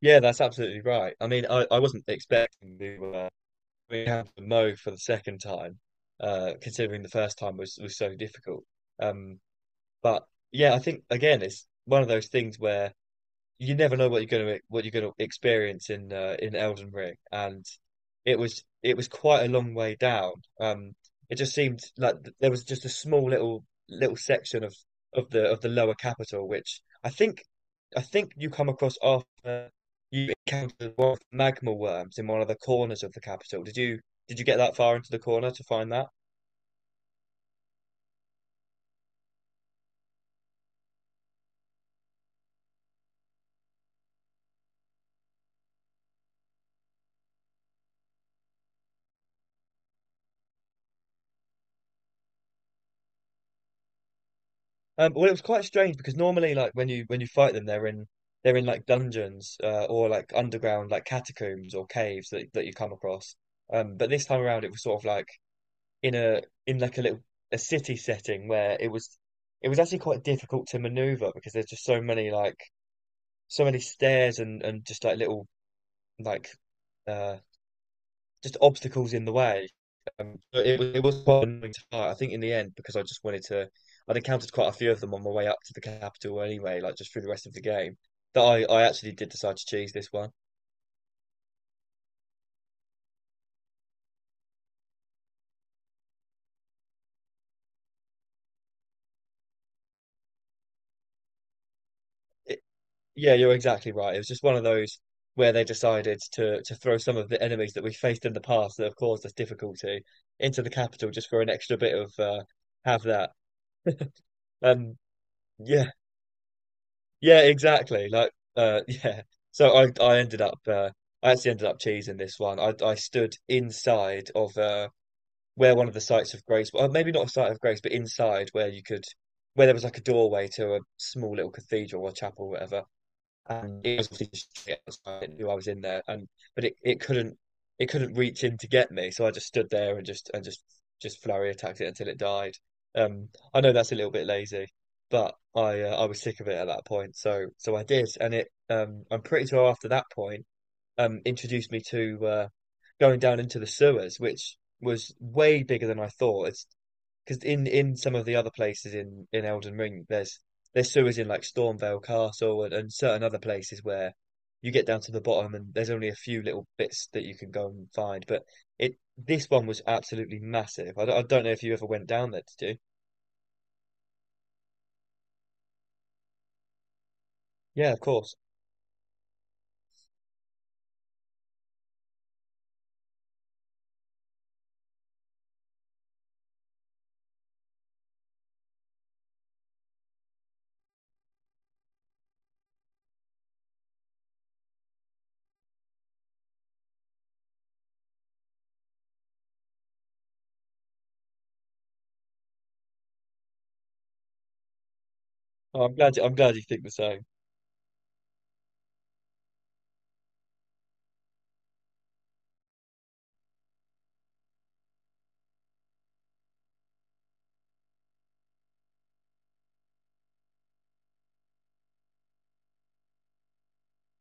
Yeah, that's absolutely right. I wasn't expecting to we have to Mo for the second time, considering the first time was so difficult. Um, but yeah, I think again, it's one of those things where you never know what you're going to what you're going to experience in in Elden Ring, and it was quite a long way down. Um, it just seemed like there was just a small little section of of the lower capital, which I think you come across after you encountered one of the magma worms in one of the corners of the capital. Did you get that far into the corner to find that? Well, it was quite strange because normally, like when you fight them, they're in like dungeons or like underground like catacombs or caves that you come across. But this time around, it was sort of like in a in like a little a city setting where it was actually quite difficult to maneuver because there's just so many like so many stairs and just like little like uh just obstacles in the way. So it was quite annoying to fight. I think in the end, because I just wanted to I'd encountered quite a few of them on my way up to the capital anyway, like just through the rest of the game. That I actually did decide to choose this one. Yeah, you're exactly right. It was just one of those where they decided to throw some of the enemies that we faced in the past that have caused us difficulty into the capital just for an extra bit of have that. Um, yeah, yeah, exactly. Like, yeah. So I ended up I actually ended up cheesing this one. I stood inside of where one of the sites of grace, well, maybe not a site of grace, but inside where you could where there was like a doorway to a small little cathedral or chapel or whatever, and it was obviously straight outside. It knew I was in there, and but it couldn't it couldn't reach in to get me, so I just stood there and just flurry attacked it until it died. I know that's a little bit lazy, but I was sick of it at that point, so I did, and it I'm pretty sure after that point introduced me to going down into the sewers, which was way bigger than I thought. It's because in some of the other places in Elden Ring, there's sewers in like Stormvale Castle, and certain other places where you get down to the bottom and there's only a few little bits that you can go and find. But it this one was absolutely massive. I don't know if you ever went down there, did you? Yeah, of course. Oh, I'm glad you think the same.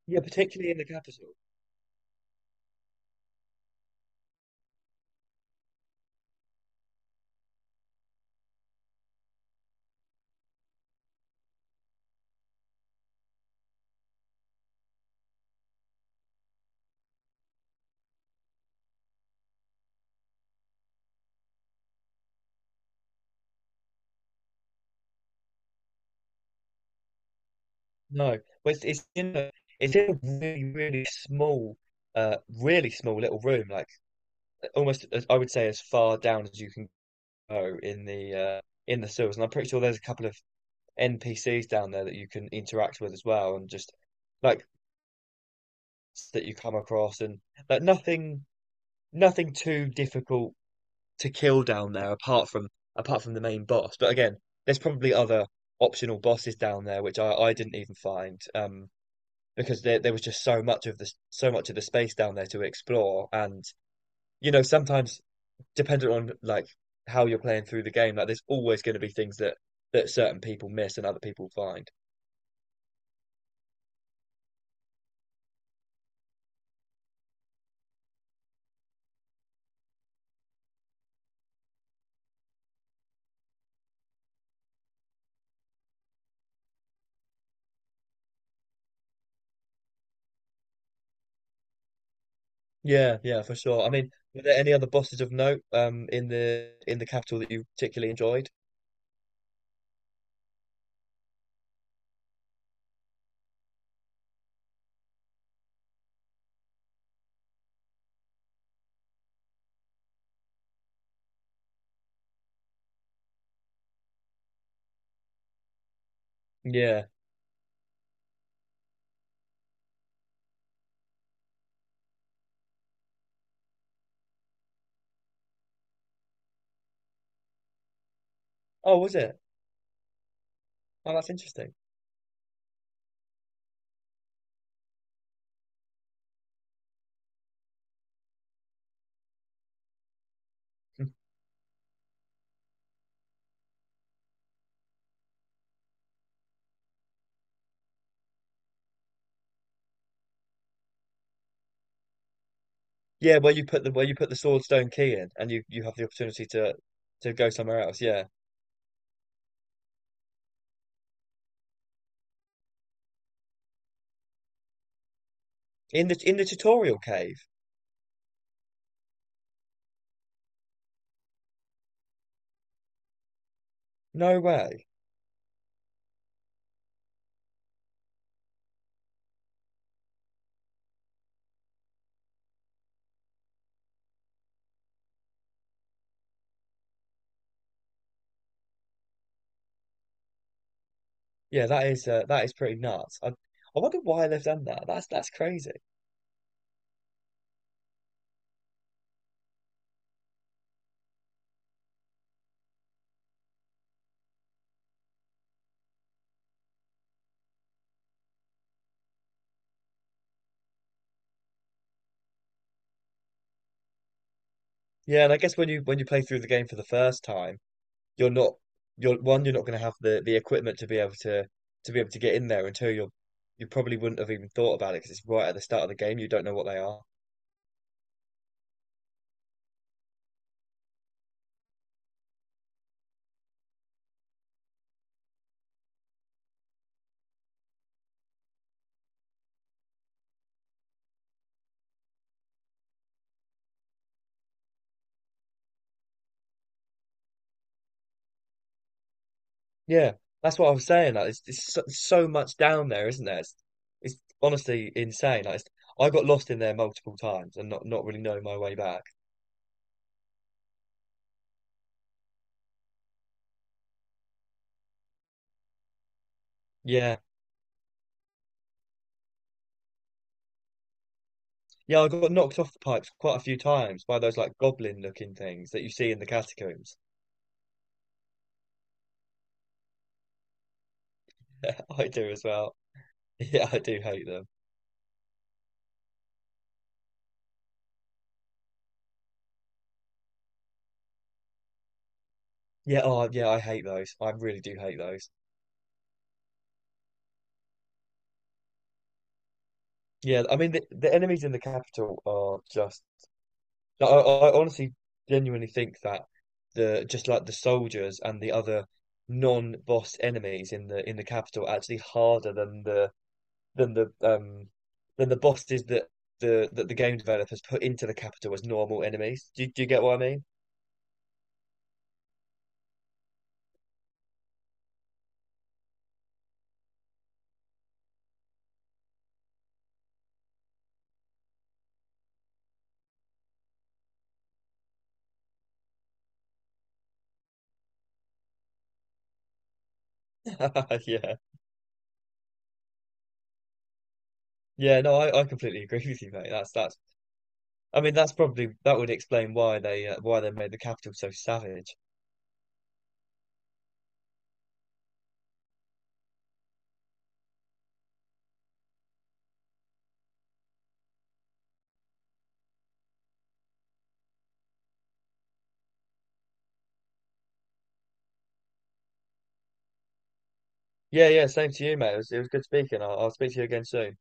Yeah, particularly in the capital. No, well, it's in a it's in a really really small little room. Like almost as I would say as far down as you can in the sewers, and I'm pretty sure there's a couple of NPCs down there that you can interact with as well, and just like that you come across, and like nothing too difficult to kill down there apart from the main boss. But again, there's probably other optional bosses down there which I didn't even find, because there was just so much of the so much of the space down there to explore, and you know sometimes dependent on like how you're playing through the game, like there's always going to be things that certain people miss and other people find. Yeah, yeah, for sure. I mean, were there any other bosses of note in the capital that you particularly enjoyed? Yeah. Oh, was it? Oh, that's interesting. Yeah, where you put the Swordstone key in, and you have the opportunity to go somewhere else. Yeah, in the tutorial cave. No way. Yeah, that is pretty nuts. I wonder why they've done that. That's crazy. Yeah, and I guess when you play through the game for the first time, you're not you're one, you're not going to have the equipment to be able to be able to get in there until you're you probably wouldn't have even thought about it because it's right at the start of the game. You don't know what they are. Yeah, that's what I was saying. Like, it's so, so much down there, isn't there? It's honestly insane. Like, it's, I got lost in there multiple times and not really knowing my way back. Yeah, yeah, I got knocked off the pipes quite a few times by those like goblin looking things that you see in the catacombs. I do as well. Yeah, I do hate them. Yeah, oh, yeah, I hate those. I really do hate those. Yeah, I mean, the enemies in the capital are just. I honestly, genuinely think that the just like the soldiers and the other non-boss enemies in the capital are actually harder than the than the um than the bosses that the game developers put into the capital as normal enemies. Do you get what I mean? Yeah, yeah, no, I completely agree with you, mate. That's that's. I mean, that's probably that would explain why they made the capital so savage. Yeah, yeah, same to you, mate. It was good speaking. I'll speak to you again soon.